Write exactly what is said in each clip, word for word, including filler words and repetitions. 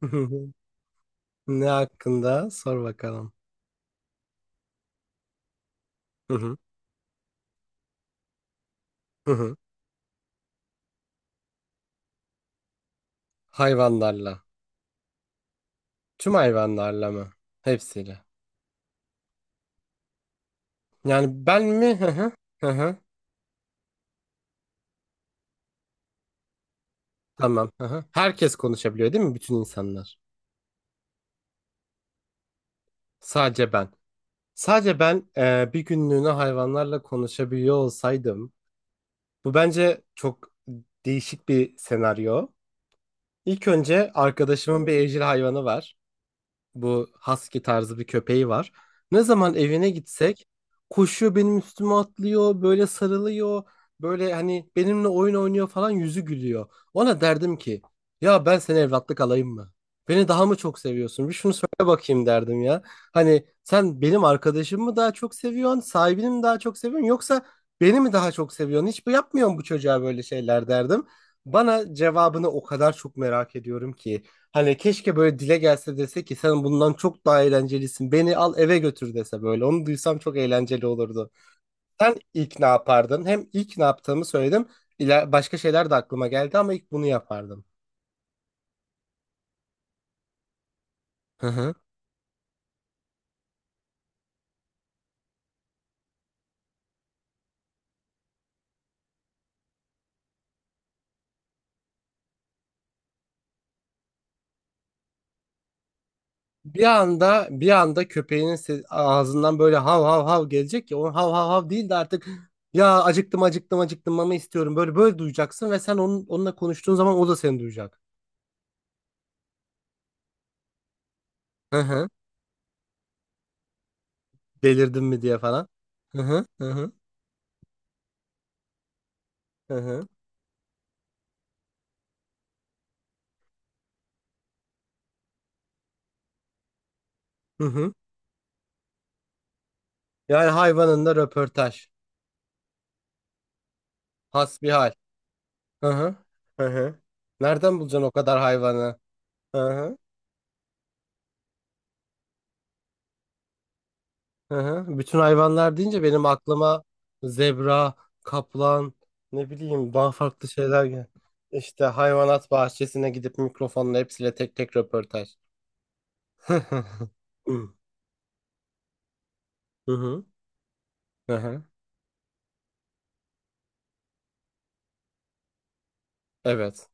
Hı hı. Ne hakkında? Sor bakalım. Hı hı. Hı hı. Hayvanlarla. Tüm hayvanlarla mı? Hepsiyle. Yani ben mi? Hı hı. Hı hı. Tamam. Hı hı. Herkes konuşabiliyor değil mi? Bütün insanlar. Sadece ben. Sadece ben e, bir günlüğüne hayvanlarla konuşabiliyor olsaydım. Bu bence çok değişik bir senaryo. İlk önce arkadaşımın bir evcil hayvanı var. Bu husky tarzı bir köpeği var. Ne zaman evine gitsek koşuyor, benim üstüme atlıyor, böyle sarılıyor, böyle hani benimle oyun oynuyor falan, yüzü gülüyor. Ona derdim ki ya ben seni evlatlık alayım mı? Beni daha mı çok seviyorsun? Bir şunu söyle bakayım derdim ya. Hani sen benim arkadaşımı mı daha çok seviyorsun, sahibini mi daha çok seviyorsun yoksa beni mi daha çok seviyorsun? Hiç bu yapmıyorsun, bu çocuğa böyle şeyler derdim. Bana cevabını o kadar çok merak ediyorum ki. Hani keşke böyle dile gelse, dese ki sen bundan çok daha eğlencelisin, beni al eve götür dese böyle. Onu duysam çok eğlenceli olurdu. Sen ilk ne yapardın? Hem ilk ne yaptığımı söyledim. İla- başka şeyler de aklıma geldi ama ilk bunu yapardım. Hı hı. Bir anda bir anda köpeğinin se- ağzından böyle hav hav hav gelecek ya. Onun hav hav hav değil de artık ya acıktım acıktım acıktım, mama istiyorum. Böyle böyle duyacaksın ve sen onun, onunla konuştuğun zaman o da seni duyacak. Hı hı. Delirdin mi diye falan. Hı hı, hı hı, hı hı. Hı hı. Yani hayvanında röportaj. Hasbihal. Hı hı. Hı hı. Nereden bulacaksın o kadar hayvanı? Hı hı. Hı hı. Bütün hayvanlar deyince benim aklıma zebra, kaplan, ne bileyim daha farklı şeyler gel. İşte hayvanat bahçesine gidip mikrofonla hepsiyle tek tek röportaj. Hı hı. Hı hı. Evet.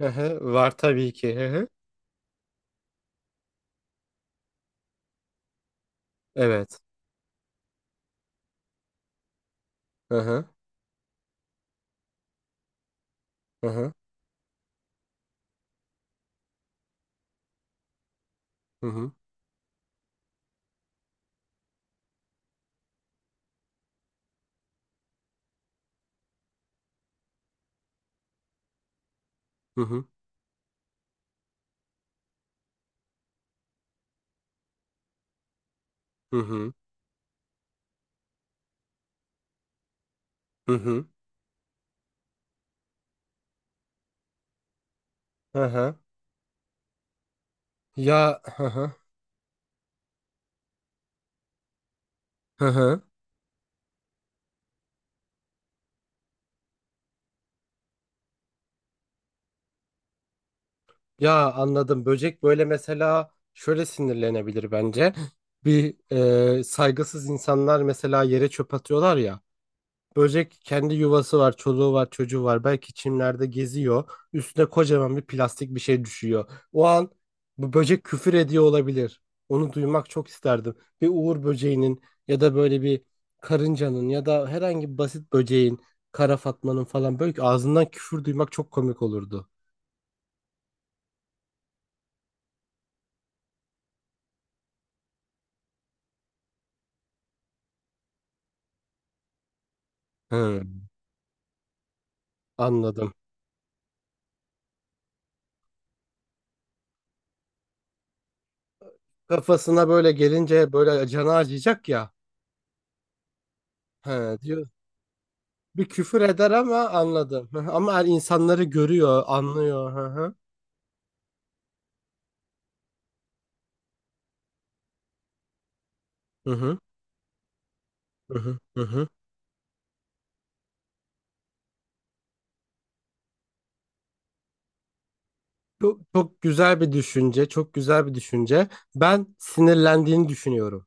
Hı hı. Var tabii ki. Hı hı. Evet. Hı hı. Hı hı. Hı hı. Hı hı. Hı hı. Hı hı. Hı hı. Ya, hı hı. Hı hı. Ya, anladım. Böcek böyle mesela şöyle sinirlenebilir bence. Bir e, saygısız insanlar mesela yere çöp atıyorlar ya. Böcek, kendi yuvası var, çoluğu var, çocuğu var. Belki çimlerde geziyor. Üstüne kocaman bir plastik bir şey düşüyor. O an bu böcek küfür ediyor olabilir. Onu duymak çok isterdim. Bir uğur böceğinin ya da böyle bir karıncanın ya da herhangi bir basit böceğin, kara fatmanın falan böyle ağzından küfür duymak çok komik olurdu. Hı, anladım. Kafasına böyle gelince böyle canı acıyacak ya. He, diyor. Bir küfür eder ama, anladım. Hı hı. Ama her insanları görüyor, anlıyor. Hı hı. Hı hı. Hı hı. Hı hı. Çok, çok güzel bir düşünce, çok güzel bir düşünce. Ben sinirlendiğini düşünüyorum.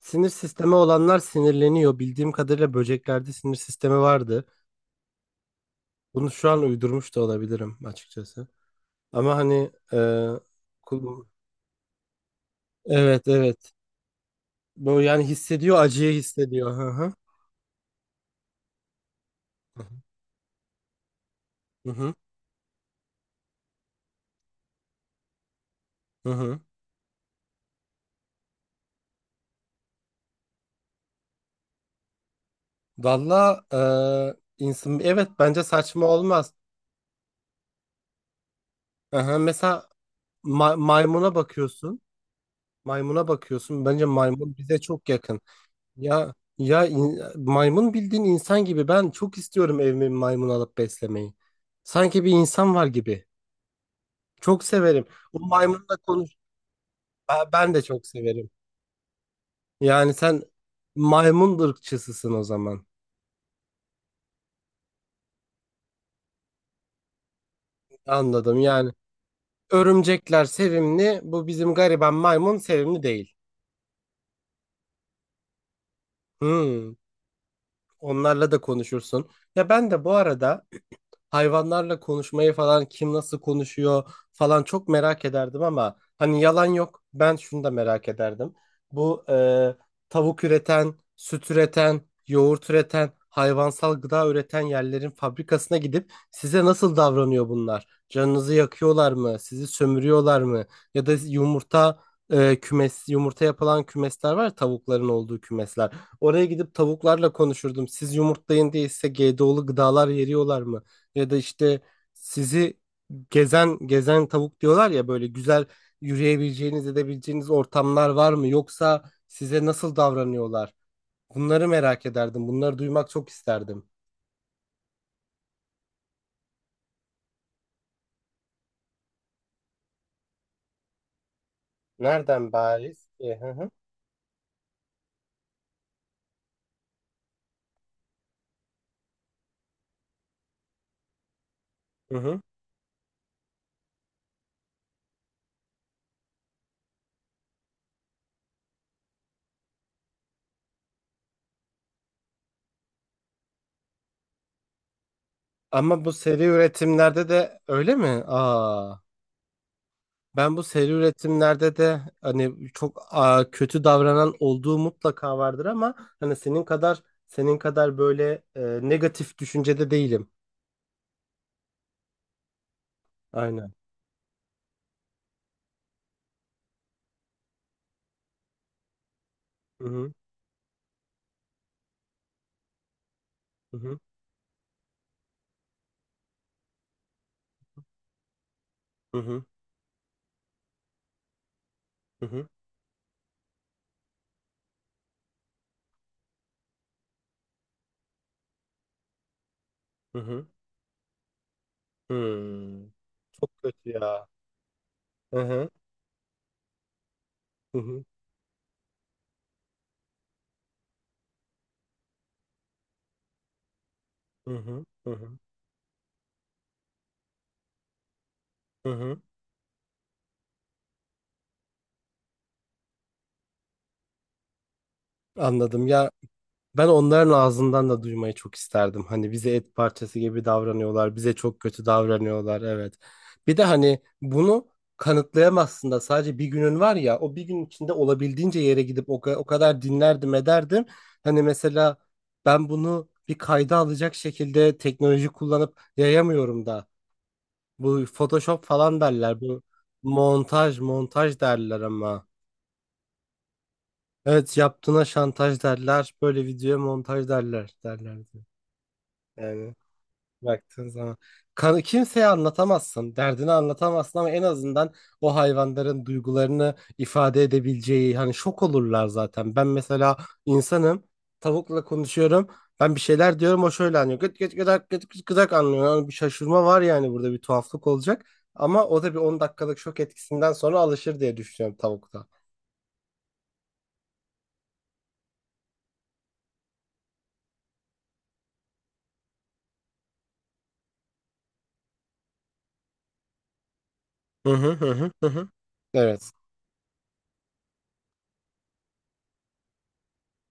Sinir sistemi olanlar sinirleniyor. Bildiğim kadarıyla böceklerde sinir sistemi vardı. Bunu şu an uydurmuş da olabilirim açıkçası. Ama hani e, kul- evet, evet. Bu yani hissediyor, acıyı hissediyor. Hı hı. Hı hı. Hı hı. Valla e, insan, evet, bence saçma olmaz. Aha, mesela ma- maymuna bakıyorsun. Maymuna bakıyorsun. Bence maymun bize çok yakın. Ya ya in- maymun bildiğin insan gibi. Ben çok istiyorum evime bir maymun alıp beslemeyi. Sanki bir insan var gibi. Çok severim. O maymunla konuş. Ben, ben de çok severim. Yani sen maymun ırkçısısın o zaman. Anladım. Yani örümcekler sevimli. Bu bizim gariban maymun sevimli değil. Hmm, Onlarla da konuşursun. Ya ben de bu arada hayvanlarla konuşmayı falan, kim nasıl konuşuyor falan çok merak ederdim ama hani yalan yok, ben şunu da merak ederdim. Bu e, tavuk üreten, süt üreten, yoğurt üreten, hayvansal gıda üreten yerlerin fabrikasına gidip size nasıl davranıyor bunlar? Canınızı yakıyorlar mı? Sizi sömürüyorlar mı? Ya da yumurta e, kümes, yumurta yapılan kümesler var ya, tavukların olduğu kümesler. Oraya gidip tavuklarla konuşurdum. Siz yumurtlayın diye size G D O'lu gıdalar veriyorlar mı? Ya da işte sizi, gezen gezen tavuk diyorlar ya, böyle güzel yürüyebileceğiniz, edebileceğiniz ortamlar var mı, yoksa size nasıl davranıyorlar? Bunları merak ederdim. Bunları duymak çok isterdim. Nereden bariz ki? Hı hı. Hı hı. Ama bu seri üretimlerde de öyle mi? Aa, ben bu seri üretimlerde de hani çok aa, kötü davranan olduğu mutlaka vardır ama hani senin kadar senin kadar böyle e, negatif düşüncede değilim. Aynen. Hı hı. Hı hı, hı hı, hı hı, hı hı. Hmm. Çok kötü ya. Hı hı, hı hı, hı hı, hı hı, hı hı. Anladım ya. Ben onların ağzından da duymayı çok isterdim. Hani bize et parçası gibi davranıyorlar, bize çok kötü davranıyorlar. Evet. Bir de hani bunu kanıtlayamazsın da, sadece bir günün var ya, o bir gün içinde olabildiğince yere gidip o, ka- o kadar dinlerdim ederdim. Hani mesela ben bunu bir kayda alacak şekilde teknoloji kullanıp yayamıyorum da. Bu Photoshop falan derler. Bu montaj, montaj derler ama. Evet, yaptığına şantaj derler. Böyle videoya montaj derler, derlerdi. Yani. Baktığın zaman kan, kimseye anlatamazsın, derdini anlatamazsın ama en azından o hayvanların duygularını ifade edebileceği, hani şok olurlar zaten. Ben mesela insanım, tavukla konuşuyorum. Ben bir şeyler diyorum, o şöyle anlıyor. Gıt gıt gıdak, gıt gıt gıdak anlıyor. Yani bir şaşırma var, yani burada bir tuhaflık olacak. Ama o da bir on dakikalık şok etkisinden sonra alışır diye düşünüyorum tavukta. Hı hı, hı hı, hı. hı. Evet.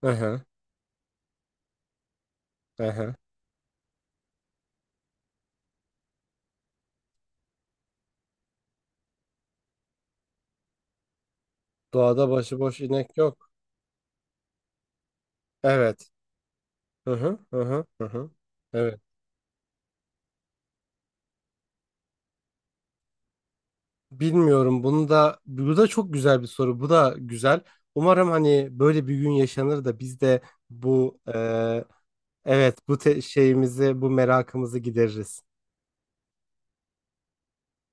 Hı hı, hı hı. Doğada başıboş inek yok. Evet. Hı hı hı, hı hı, hı. Evet. Bilmiyorum. Bunu da, bu da çok güzel bir soru. Bu da güzel. Umarım hani böyle bir gün yaşanır da biz de bu e, evet, bu te- şeyimizi, bu merakımızı gideririz.